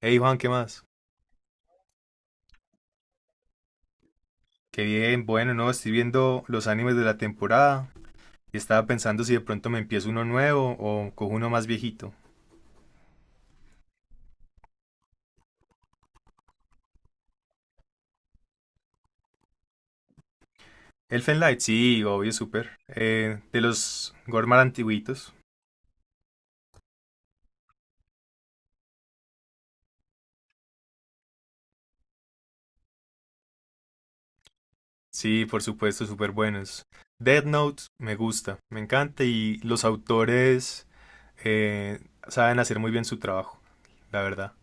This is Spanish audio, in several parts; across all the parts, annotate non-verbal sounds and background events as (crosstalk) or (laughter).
Hey Juan, ¿qué más? Qué bien, bueno, no, estoy viendo los animes de la temporada y estaba pensando si de pronto me empiezo uno nuevo o cojo uno más viejito. Elfen Light, sí, obvio, súper. De los Gormar antiguitos, sí, por supuesto, súper buenos. Death Note, me gusta, me encanta y los autores eh, saben hacer muy bien su trabajo, la verdad.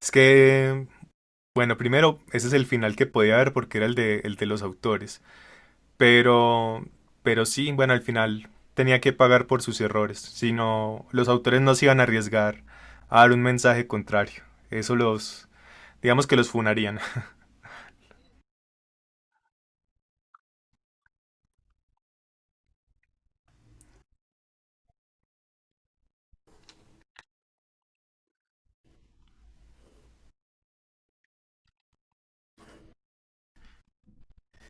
Es que, bueno, primero, ese es el final que podía haber porque era el de los autores. Pero, pero sí, bueno, al final tenía que pagar por sus errores, si no, los autores no se iban a arriesgar a dar un mensaje contrario. Eso los, digamos que los funarían. (laughs)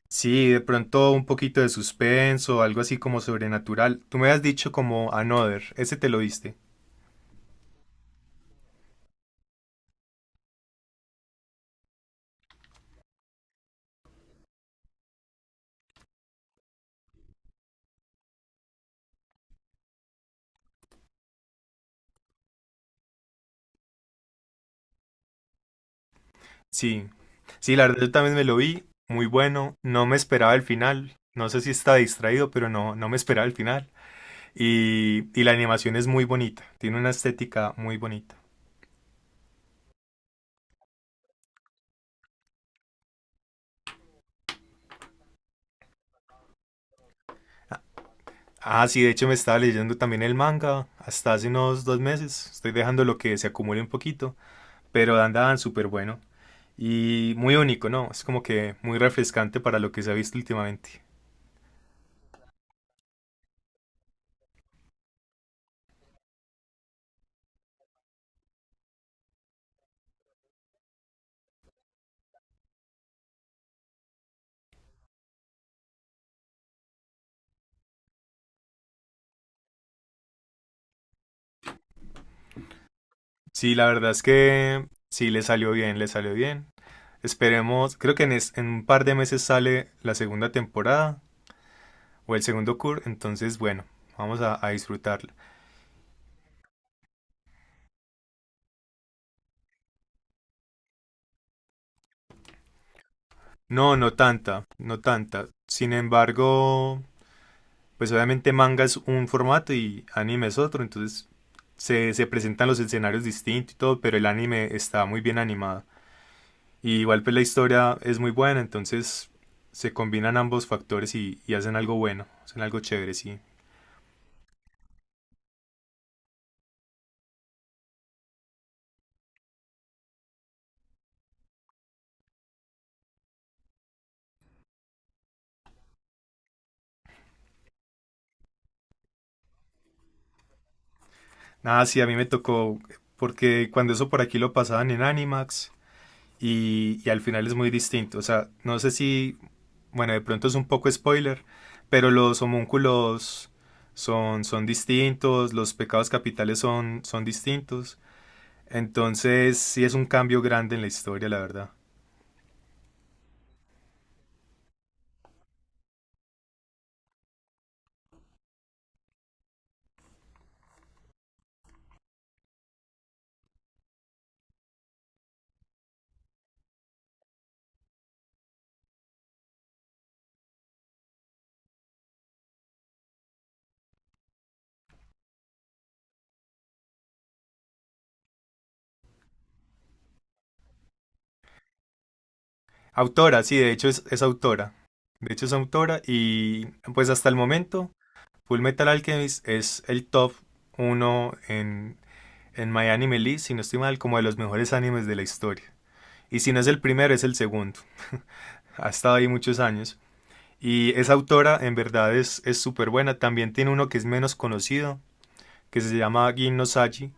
Sí, de pronto un poquito de suspenso, algo así como sobrenatural. Tú me has dicho como Another, ese te lo diste. Sí, sí, la verdad yo también me lo vi, muy bueno, no me esperaba el final. No sé si está distraído, pero no, no me esperaba el final. Y la animación es muy bonita, tiene una estética muy bonita. Ah, sí, de hecho me estaba leyendo también el manga hasta hace unos 2 meses. Estoy dejando lo que se acumule un poquito, pero andaban súper bueno y muy único, ¿no? Es como que muy refrescante para lo que se ha visto últimamente. Sí, la verdad es que sí le salió bien, le salió bien. Esperemos, creo que en un par de meses sale la segunda temporada o el segundo cur, entonces bueno, vamos a disfrutarla. No, no tanta, no tanta. Sin embargo, pues obviamente manga es un formato y anime es otro, entonces se presentan los escenarios distintos y todo, pero el anime está muy bien animado. Y igual pues la historia es muy buena, entonces se combinan ambos factores y hacen algo bueno, hacen algo chévere, sí. Nada, sí, a mí me tocó, porque cuando eso por aquí lo pasaban en Animax, y al final es muy distinto. O sea, no sé si, bueno, de pronto es un poco spoiler, pero los homúnculos son distintos, los pecados capitales son distintos. Entonces, sí es un cambio grande en la historia, la verdad. Autora, sí, de hecho es autora. De hecho es autora y pues hasta el momento Full Metal Alchemist es el top uno en My Anime List, si no estoy mal, como de los mejores animes de la historia. Y si no es el primero, es el segundo. Ha estado ahí muchos años. Y esa autora en verdad es súper buena. También tiene uno que es menos conocido, que se llama Gin no Saji,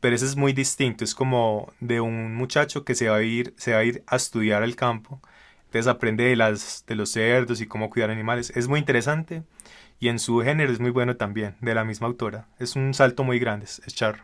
pero ese es muy distinto. Es como de un muchacho que se va a ir a estudiar al campo. Entonces aprende de los cerdos y cómo cuidar animales. Es muy interesante y en su género es muy bueno también, de la misma autora. Es un salto muy grande, es charro.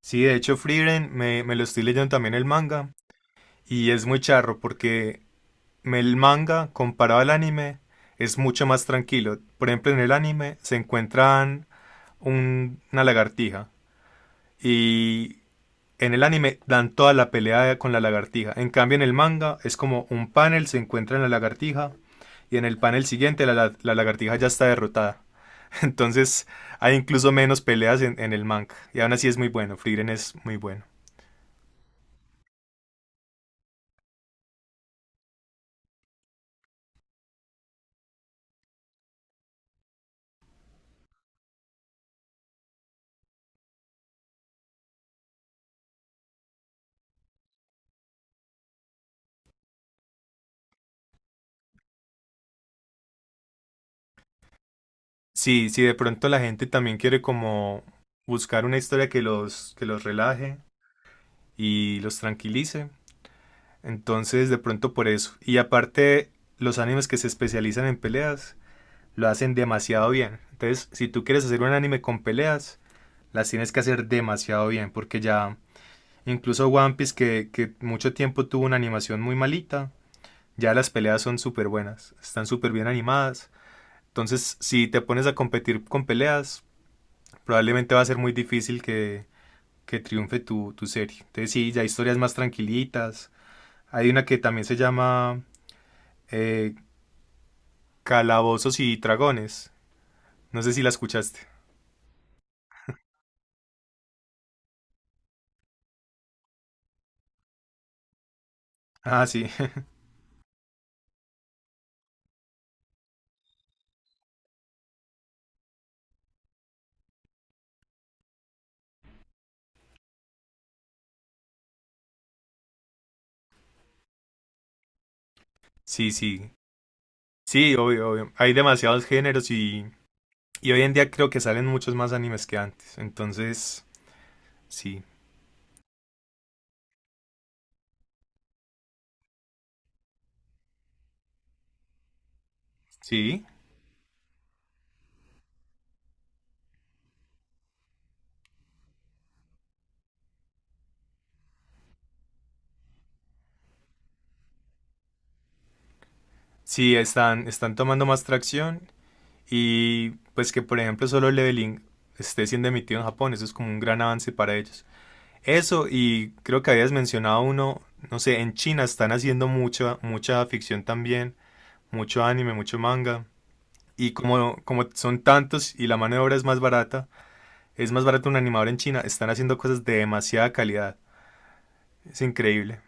Sí, de hecho Frieren me lo estoy leyendo también el manga y es muy charro porque el manga, comparado al anime, es mucho más tranquilo. Por ejemplo, en el anime se encuentran una lagartija y en el anime dan toda la pelea con la lagartija. En cambio, en el manga es como un panel, se encuentra en la lagartija y en el panel siguiente la lagartija ya está derrotada. (laughs) Entonces hay incluso menos peleas en el manga. Y aún así es muy bueno, Frieren es muy bueno. Sí, si de pronto la gente también quiere como buscar una historia que los relaje, y los tranquilice. Entonces, de pronto por eso. Y aparte, los animes que se especializan en peleas lo hacen demasiado bien. Entonces, si tú quieres hacer un anime con peleas, las tienes que hacer demasiado bien, porque ya incluso One Piece, que mucho tiempo tuvo una animación muy malita, ya las peleas son súper buenas, están súper bien animadas. Entonces, si te pones a competir con peleas, probablemente va a ser muy difícil que triunfe tu serie. Entonces, sí, ya historias más tranquilitas, hay una que también se llama eh, Calabozos y Dragones. No sé si la escuchaste. Ah, sí, (laughs) sí, sí. Sí, obvio, obvio. Hay demasiados géneros y hoy en día creo que salen muchos más animes que antes. Entonces, sí, sí, sí, están tomando más tracción y pues que por ejemplo solo Leveling esté siendo emitido en Japón, eso es como un gran avance para ellos. Eso y creo que habías mencionado uno, no sé, en China están haciendo mucha, mucha ficción también mucho anime, mucho manga. Y como, como son tantos y la mano de obra es más barata, es más barato un animador en China, están haciendo cosas de demasiada calidad. Es increíble.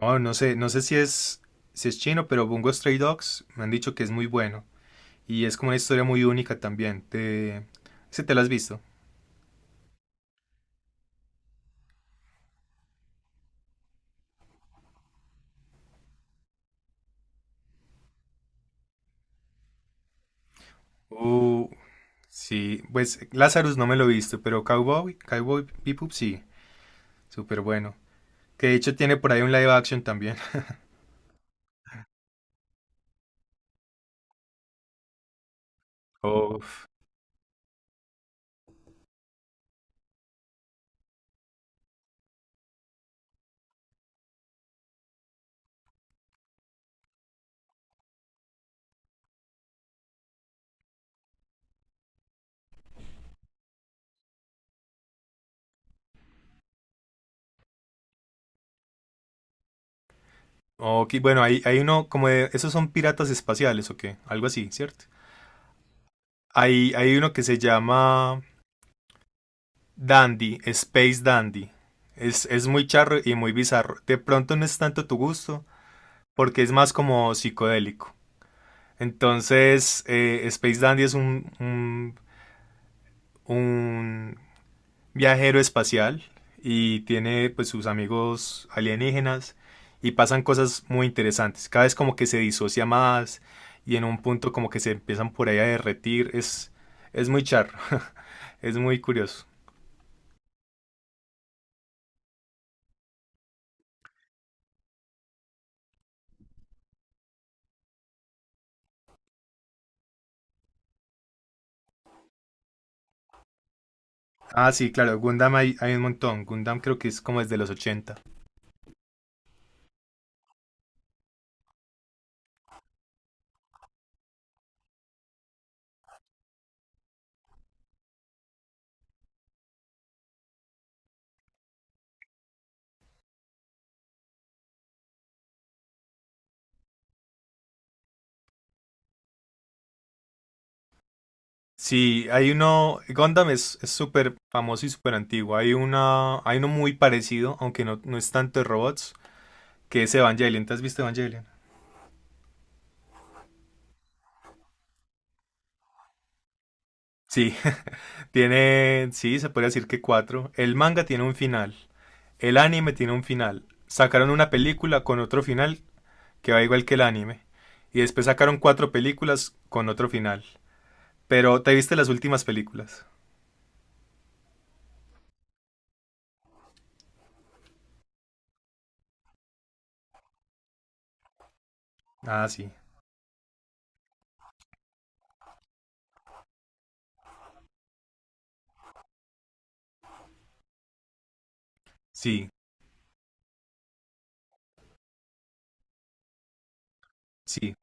Oh, no sé si es, chino, pero Bungo Stray Dogs me han dicho que es muy bueno. Y es como una historia muy única también. Te... ¿Sí te la has visto? Uh, sí, pues Lazarus no me lo he visto, pero Cowboy Bebop sí, súper bueno. Que de hecho tiene por ahí un live action también. (laughs) Oh, ok, bueno, hay uno como de... Esos son piratas espaciales, ¿o qué? Algo así, ¿cierto? Hay uno que se llama Dandy, Space Dandy. Es muy charro y muy bizarro. De pronto no es tanto tu gusto, porque es más como psicodélico. Entonces, Space Dandy es un viajero espacial y tiene pues sus amigos alienígenas y pasan cosas muy interesantes. Cada vez como que se disocia más y en un punto como que se empiezan por ahí a derretir. Es muy charro, (laughs) es muy curioso. Ah, sí, claro, Gundam hay un montón. Gundam creo que es como desde los ochenta. Sí, hay uno, Gundam es súper famoso y súper antiguo. Hay uno muy parecido, aunque no, no es tanto de robots, que es Evangelion. ¿Te has visto Evangelion? Sí, tiene, sí, se puede decir que cuatro. El manga tiene un final. El anime tiene un final. Sacaron una película con otro final que va igual que el anime. Y después sacaron cuatro películas con otro final. Pero ¿te viste las últimas películas? Ah, sí. Sí, sí.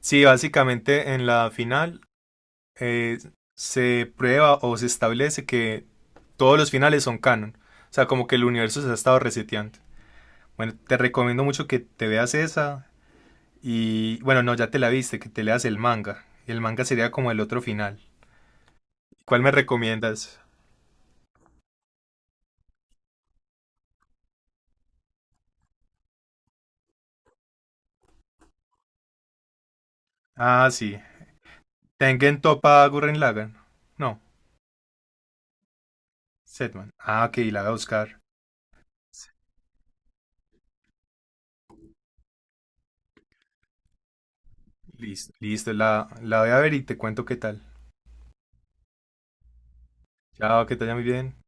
Sí, básicamente en la final eh, se prueba o se establece que todos los finales son canon. O sea, como que el universo se ha estado reseteando. Bueno, te recomiendo mucho que te veas esa. Y bueno, no, ya te la viste, que te leas el manga. El manga sería como el otro final. ¿Cuál me recomiendas? Ah, sí. Tengen Toppa Gurren Lagann. No, Setman. Ah, ok, la voy a buscar. Listo, listo, la voy a ver y te cuento qué tal. Chao, que te vaya muy bien.